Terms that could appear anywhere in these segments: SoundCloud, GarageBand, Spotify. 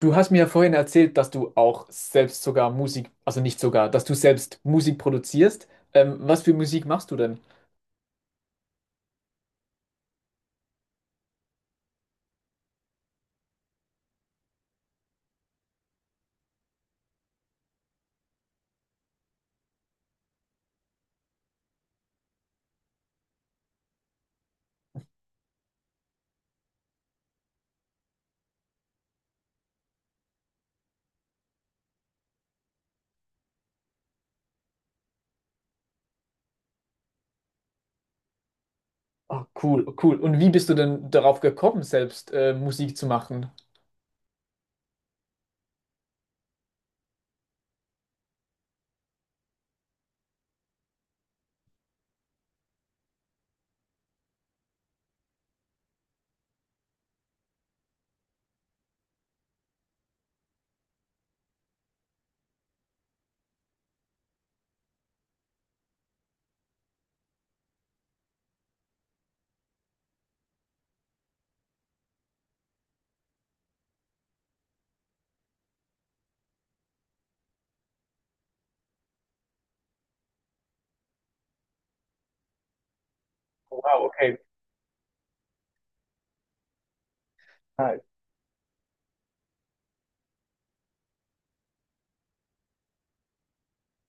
Du hast mir ja vorhin erzählt, dass du auch selbst sogar Musik, also nicht sogar, dass du selbst Musik produzierst. Was für Musik machst du denn? Ah, cool, cool. Und wie bist du denn darauf gekommen, selbst Musik zu machen? Wow, okay. Nice.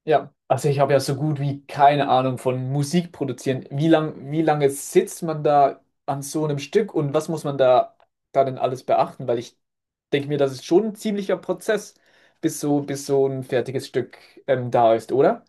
Ja, also ich habe ja so gut wie keine Ahnung von Musik produzieren. Wie lange sitzt man da an so einem Stück und was muss man da denn alles beachten? Weil ich denke mir, das ist schon ein ziemlicher Prozess, bis so ein fertiges Stück da ist, oder?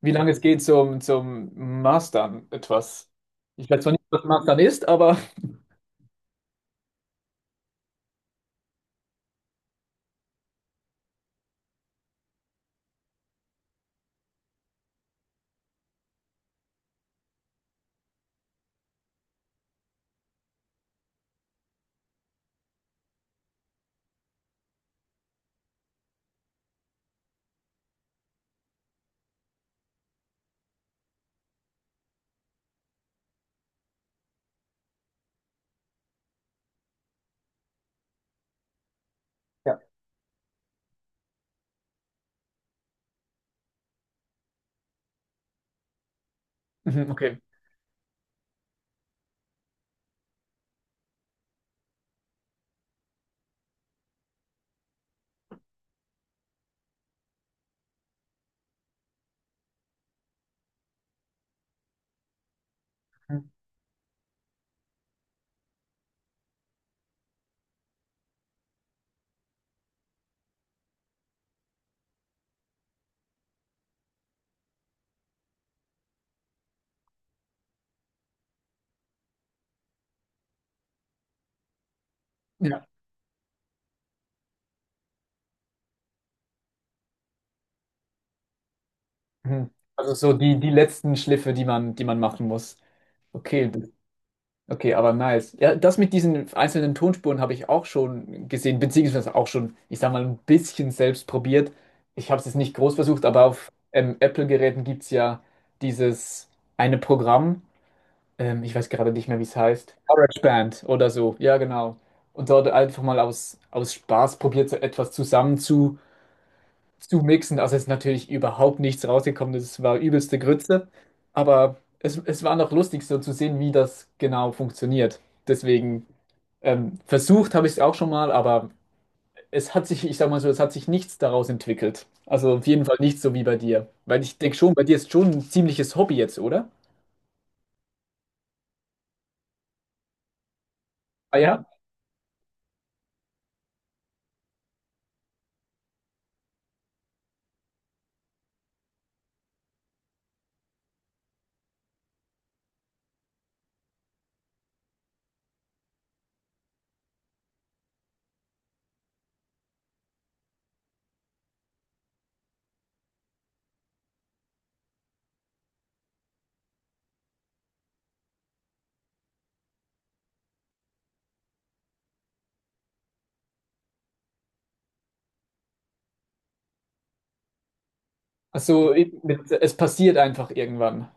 Wie lange es geht zum Mastern etwas. Ich weiß zwar nicht, was Mastern ist, aber ja. Mhm, okay. Mhm. Ja. Mhm. Also so die letzten Schliffe, die man machen muss. Okay, okay, aber nice. Ja, das mit diesen einzelnen Tonspuren habe ich auch schon gesehen, beziehungsweise auch schon, ich sag mal, ein bisschen selbst probiert. Ich habe es jetzt nicht groß versucht, aber auf Apple-Geräten gibt es ja dieses eine Programm. Ich weiß gerade nicht mehr, wie es heißt. GarageBand oder so, ja, genau. Und dort einfach mal aus Spaß probiert, so etwas zusammen zu mixen. Also es ist natürlich überhaupt nichts rausgekommen. Das war übelste Grütze. Aber es war noch lustig, so zu sehen, wie das genau funktioniert. Deswegen versucht habe ich es auch schon mal, aber es hat sich, ich sag mal so, es hat sich nichts daraus entwickelt. Also auf jeden Fall nicht so wie bei dir. Weil ich denke schon, bei dir ist schon ein ziemliches Hobby jetzt, oder? Ah ja? Ach so, mit, es passiert einfach irgendwann.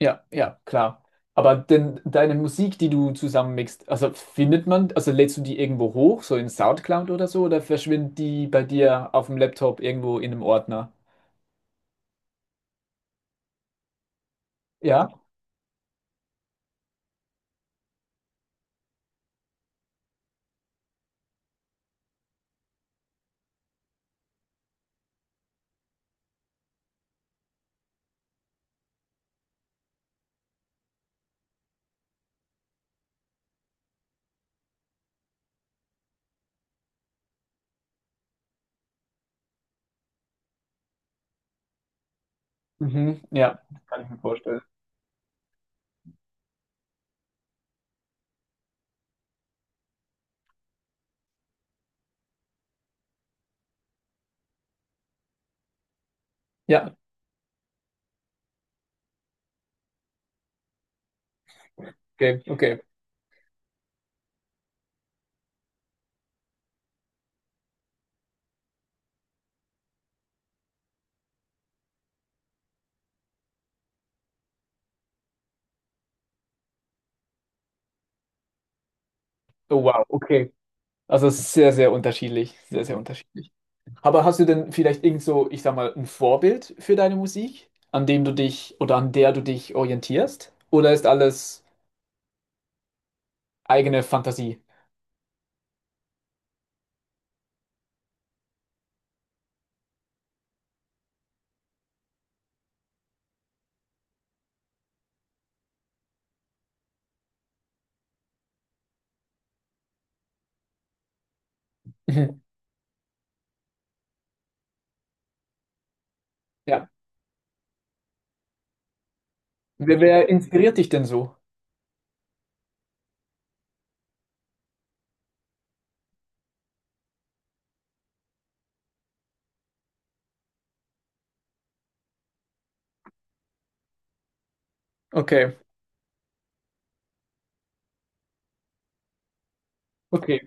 Ja, ja, klar. Aber denn deine Musik, die du zusammenmixst, also findet man, also lädst du die irgendwo hoch, so in SoundCloud oder so, oder verschwindet die bei dir auf dem Laptop irgendwo in einem Ordner? Ja? Mhm, ja. Kann ich mir vorstellen. Ja, okay, okay. Oh wow, okay. Also es ist sehr, sehr unterschiedlich. Sehr, sehr unterschiedlich. Aber hast du denn vielleicht irgend so, ich sag mal, ein Vorbild für deine Musik, an dem du dich oder an der du dich orientierst? Oder ist alles eigene Fantasie. Mhm. Ja. Wer inspiriert dich denn so? Okay, okay.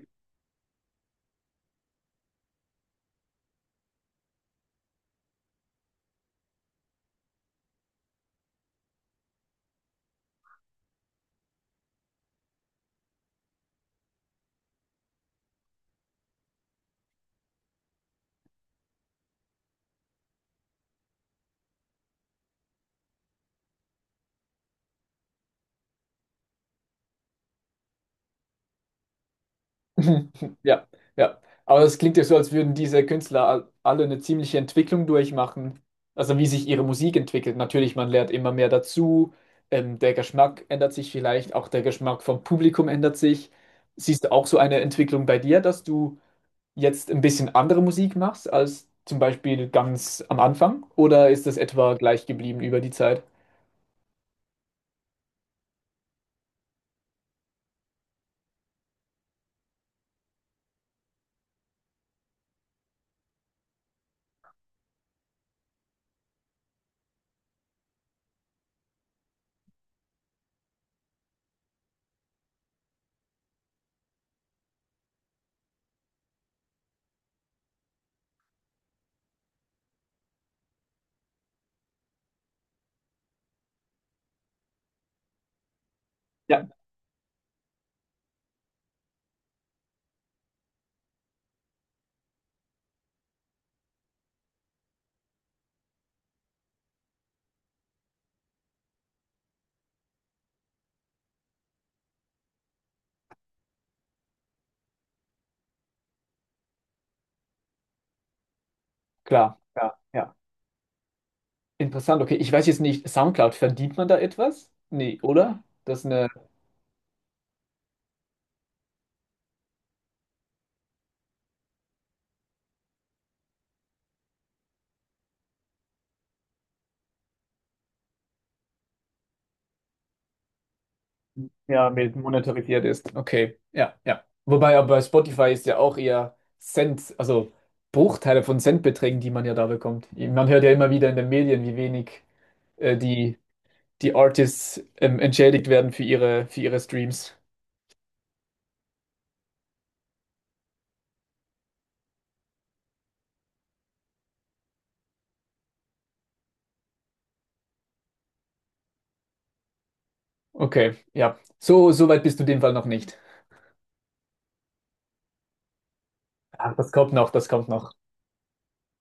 Ja, ja. Aber es klingt ja so, als würden diese Künstler alle eine ziemliche Entwicklung durchmachen. Also wie sich ihre Musik entwickelt. Natürlich, man lernt immer mehr dazu. Der Geschmack ändert sich vielleicht, auch der Geschmack vom Publikum ändert sich. Siehst du auch so eine Entwicklung bei dir, dass du jetzt ein bisschen andere Musik machst als zum Beispiel ganz am Anfang? Oder ist das etwa gleich geblieben über die Zeit? Ja, klar. Ja, ja. Interessant, okay. Ich weiß jetzt nicht, SoundCloud, verdient man da etwas? Nee, oder? Das eine, ja, mit monetarisiert ist. Okay, ja, ja. Wobei aber bei Spotify ist ja auch eher Cent, also Bruchteile von Centbeträgen, die man ja da bekommt. Man hört ja immer wieder in den Medien, wie wenig äh, die, die Artists entschädigt werden für für ihre Streams. Okay, ja. So, so weit bist du in dem Fall noch nicht. Ach, das kommt noch, das kommt noch.